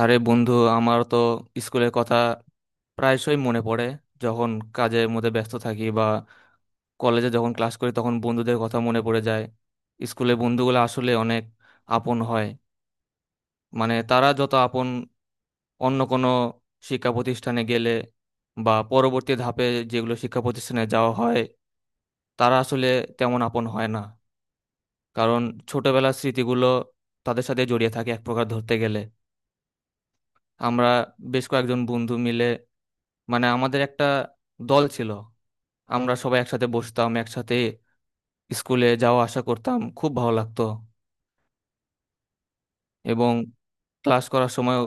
আরে বন্ধু, আমার তো স্কুলের কথা প্রায়শই মনে পড়ে। যখন কাজের মধ্যে ব্যস্ত থাকি বা কলেজে যখন ক্লাস করি তখন বন্ধুদের কথা মনে পড়ে যায়। স্কুলের বন্ধুগুলো আসলে অনেক আপন হয়। মানে তারা যত আপন, অন্য কোনো শিক্ষা প্রতিষ্ঠানে গেলে বা পরবর্তী ধাপে যেগুলো শিক্ষা প্রতিষ্ঠানে যাওয়া হয়, তারা আসলে তেমন আপন হয় না। কারণ ছোটবেলার স্মৃতিগুলো তাদের সাথে জড়িয়ে থাকে এক প্রকার ধরতে গেলে। আমরা বেশ কয়েকজন বন্ধু মিলে, মানে আমাদের একটা দল ছিল, আমরা সবাই একসাথে বসতাম, একসাথে স্কুলে যাওয়া আসা করতাম, খুব ভালো লাগতো এবং ক্লাস করার সময়।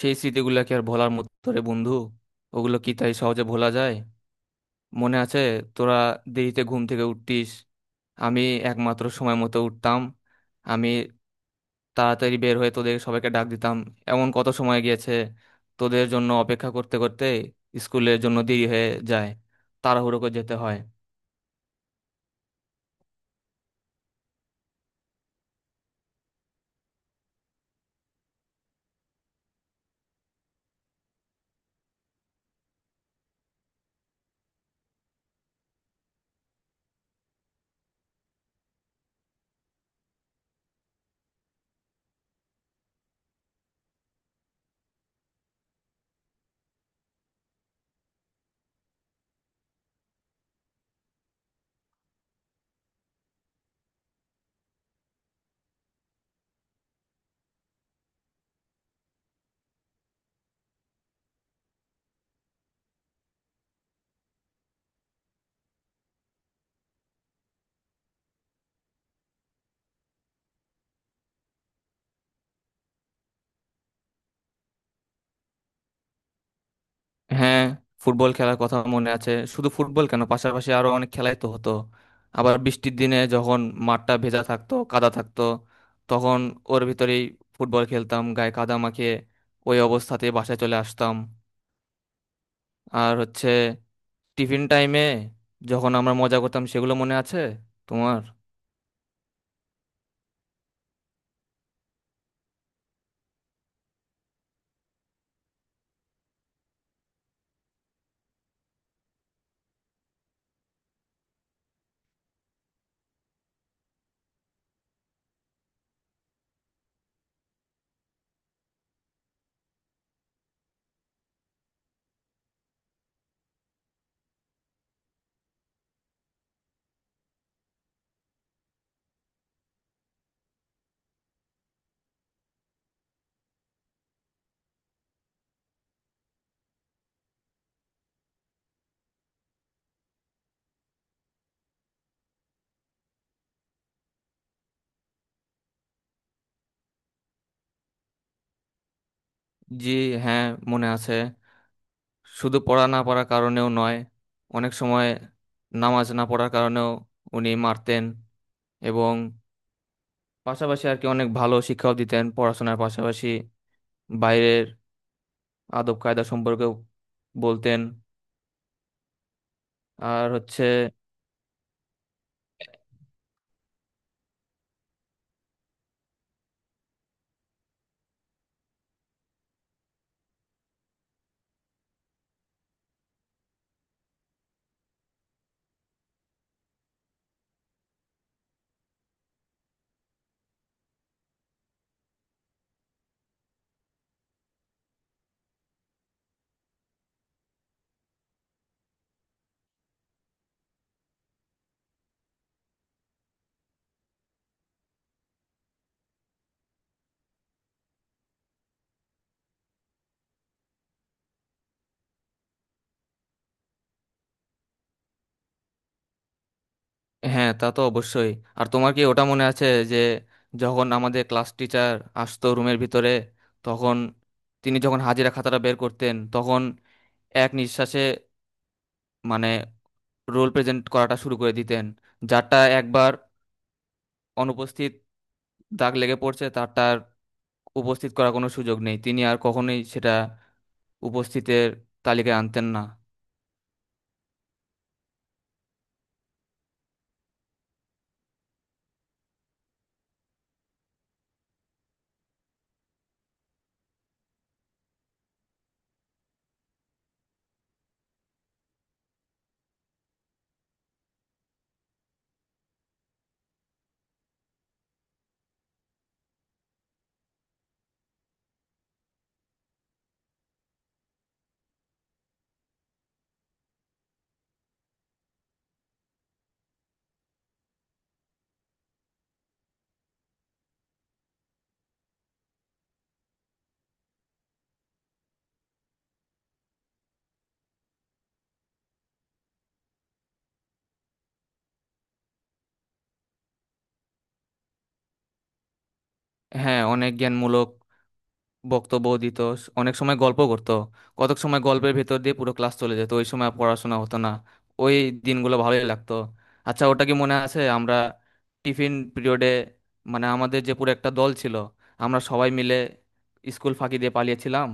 সেই স্মৃতিগুলো কি আর ভোলার মতো রে বন্ধু? ওগুলো কি তাই সহজে ভোলা যায়? মনে আছে তোরা দেরিতে ঘুম থেকে উঠতিস, আমি একমাত্র সময় মতো উঠতাম। আমি তাড়াতাড়ি বের হয়ে তোদের সবাইকে ডাক দিতাম। এমন কত সময় গিয়েছে তোদের জন্য অপেক্ষা করতে করতে স্কুলের জন্য দেরি হয়ে যায়, তাড়াহুড়ো করে যেতে হয়। হ্যাঁ, ফুটবল খেলার কথা মনে আছে। শুধু ফুটবল কেন, পাশাপাশি আরো অনেক খেলাই তো হতো। আবার বৃষ্টির দিনে যখন মাঠটা ভেজা থাকতো, কাদা থাকতো, তখন ওর ভিতরেই ফুটবল খেলতাম গায়ে কাদা মাখিয়ে, ওই অবস্থাতে বাসায় চলে আসতাম। আর হচ্ছে টিফিন টাইমে যখন আমরা মজা করতাম, সেগুলো মনে আছে তোমার? জি, হ্যাঁ, মনে আছে। শুধু পড়া না পড়ার কারণেও নয়, অনেক সময় নামাজ না পড়ার কারণেও উনি মারতেন। এবং পাশাপাশি আর কি অনেক ভালো শিক্ষাও দিতেন পড়াশোনার পাশাপাশি, বাইরের আদব কায়দা সম্পর্কেও বলতেন। আর হচ্ছে হ্যাঁ, তা তো অবশ্যই। আর তোমার কি ওটা মনে আছে, যে যখন আমাদের ক্লাস টিচার আসতো রুমের ভিতরে, তখন তিনি যখন হাজিরা খাতাটা বের করতেন তখন এক নিঃশ্বাসে, মানে, রোল প্রেজেন্ট করাটা শুরু করে দিতেন। যারটা একবার অনুপস্থিত দাগ লেগে পড়ছে, তারটার উপস্থিত করার কোনো সুযোগ নেই, তিনি আর কখনোই সেটা উপস্থিতের তালিকায় আনতেন না। হ্যাঁ, অনেক জ্ঞানমূলক বক্তব্য দিত, অনেক সময় গল্প করতো। কতক সময় গল্পের ভেতর দিয়ে পুরো ক্লাস চলে যেত, ওই সময় আর পড়াশোনা হতো না। ওই দিনগুলো ভালোই লাগতো। আচ্ছা, ওটা কি মনে আছে আমরা টিফিন পিরিয়ডে, মানে আমাদের যে পুরো একটা দল ছিল, আমরা সবাই মিলে স্কুল ফাঁকি দিয়ে পালিয়েছিলাম?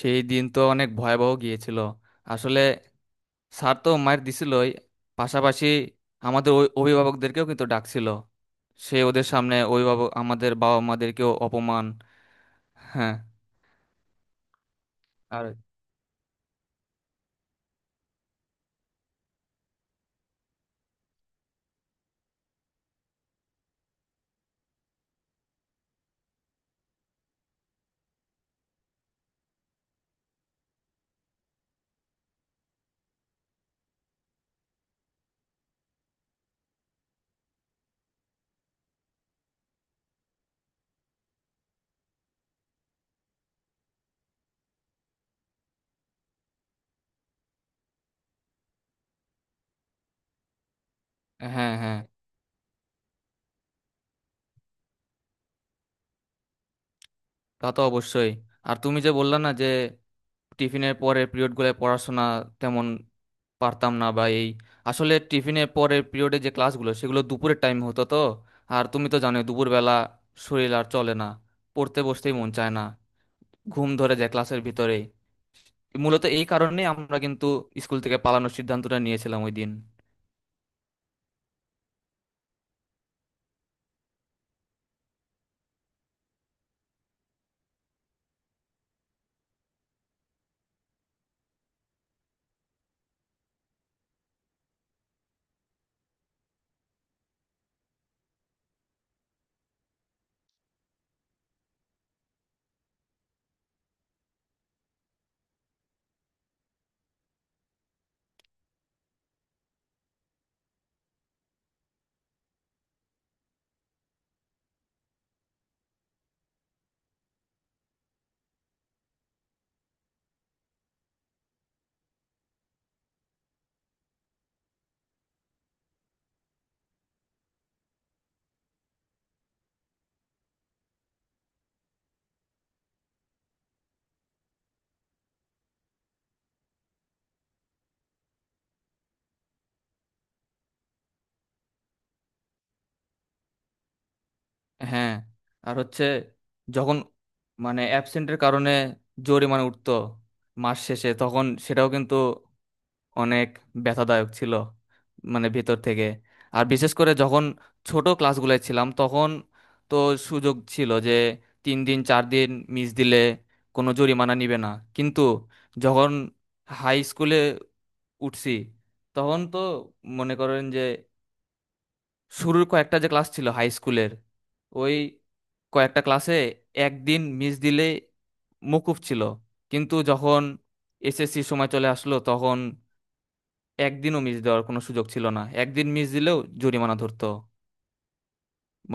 সেই দিন তো অনেক ভয়াবহ গিয়েছিল। আসলে স্যার তো মায়ের দিছিলই, পাশাপাশি আমাদের ওই অভিভাবকদেরকেও কিন্তু ডাকছিল। সে ওদের সামনে অভিভাবক আমাদের বাবা মাদেরকেও অপমান। হ্যাঁ, আর হ্যাঁ, হ্যাঁ, তা তো অবশ্যই। আর তুমি যে বললা না যে টিফিনের পরে পিরিয়ডগুলোয় পড়াশোনা তেমন পারতাম না বা এই, আসলে টিফিনের পরের পিরিয়ডে যে ক্লাসগুলো সেগুলো দুপুরের টাইম হতো তো। আর তুমি তো জানোই দুপুরবেলা শরীর আর চলে না, পড়তে বসতেই মন চায় না, ঘুম ধরে যায় ক্লাসের ভিতরে। মূলত এই কারণে আমরা কিন্তু স্কুল থেকে পালানোর সিদ্ধান্তটা নিয়েছিলাম ওই দিন। হ্যাঁ, আর হচ্ছে যখন, মানে অ্যাবসেন্টের কারণে জরিমানা উঠতো মাস শেষে, তখন সেটাও কিন্তু অনেক ব্যথাদায়ক ছিল মানে ভেতর থেকে। আর বিশেষ করে যখন ছোট ক্লাসগুলোয় ছিলাম তখন তো সুযোগ ছিল যে 3 দিন 4 দিন মিস দিলে কোনো জরিমানা নিবে না। কিন্তু যখন হাই স্কুলে উঠছি তখন তো মনে করেন যে শুরুর কয়েকটা যে ক্লাস ছিল হাই স্কুলের, ওই কয়েকটা ক্লাসে একদিন মিস দিলে মকুব ছিল। কিন্তু যখন এসএসসি সময় চলে আসলো তখন একদিনও মিস দেওয়ার কোনো সুযোগ ছিল না, একদিন মিস দিলেও জরিমানা ধরতো।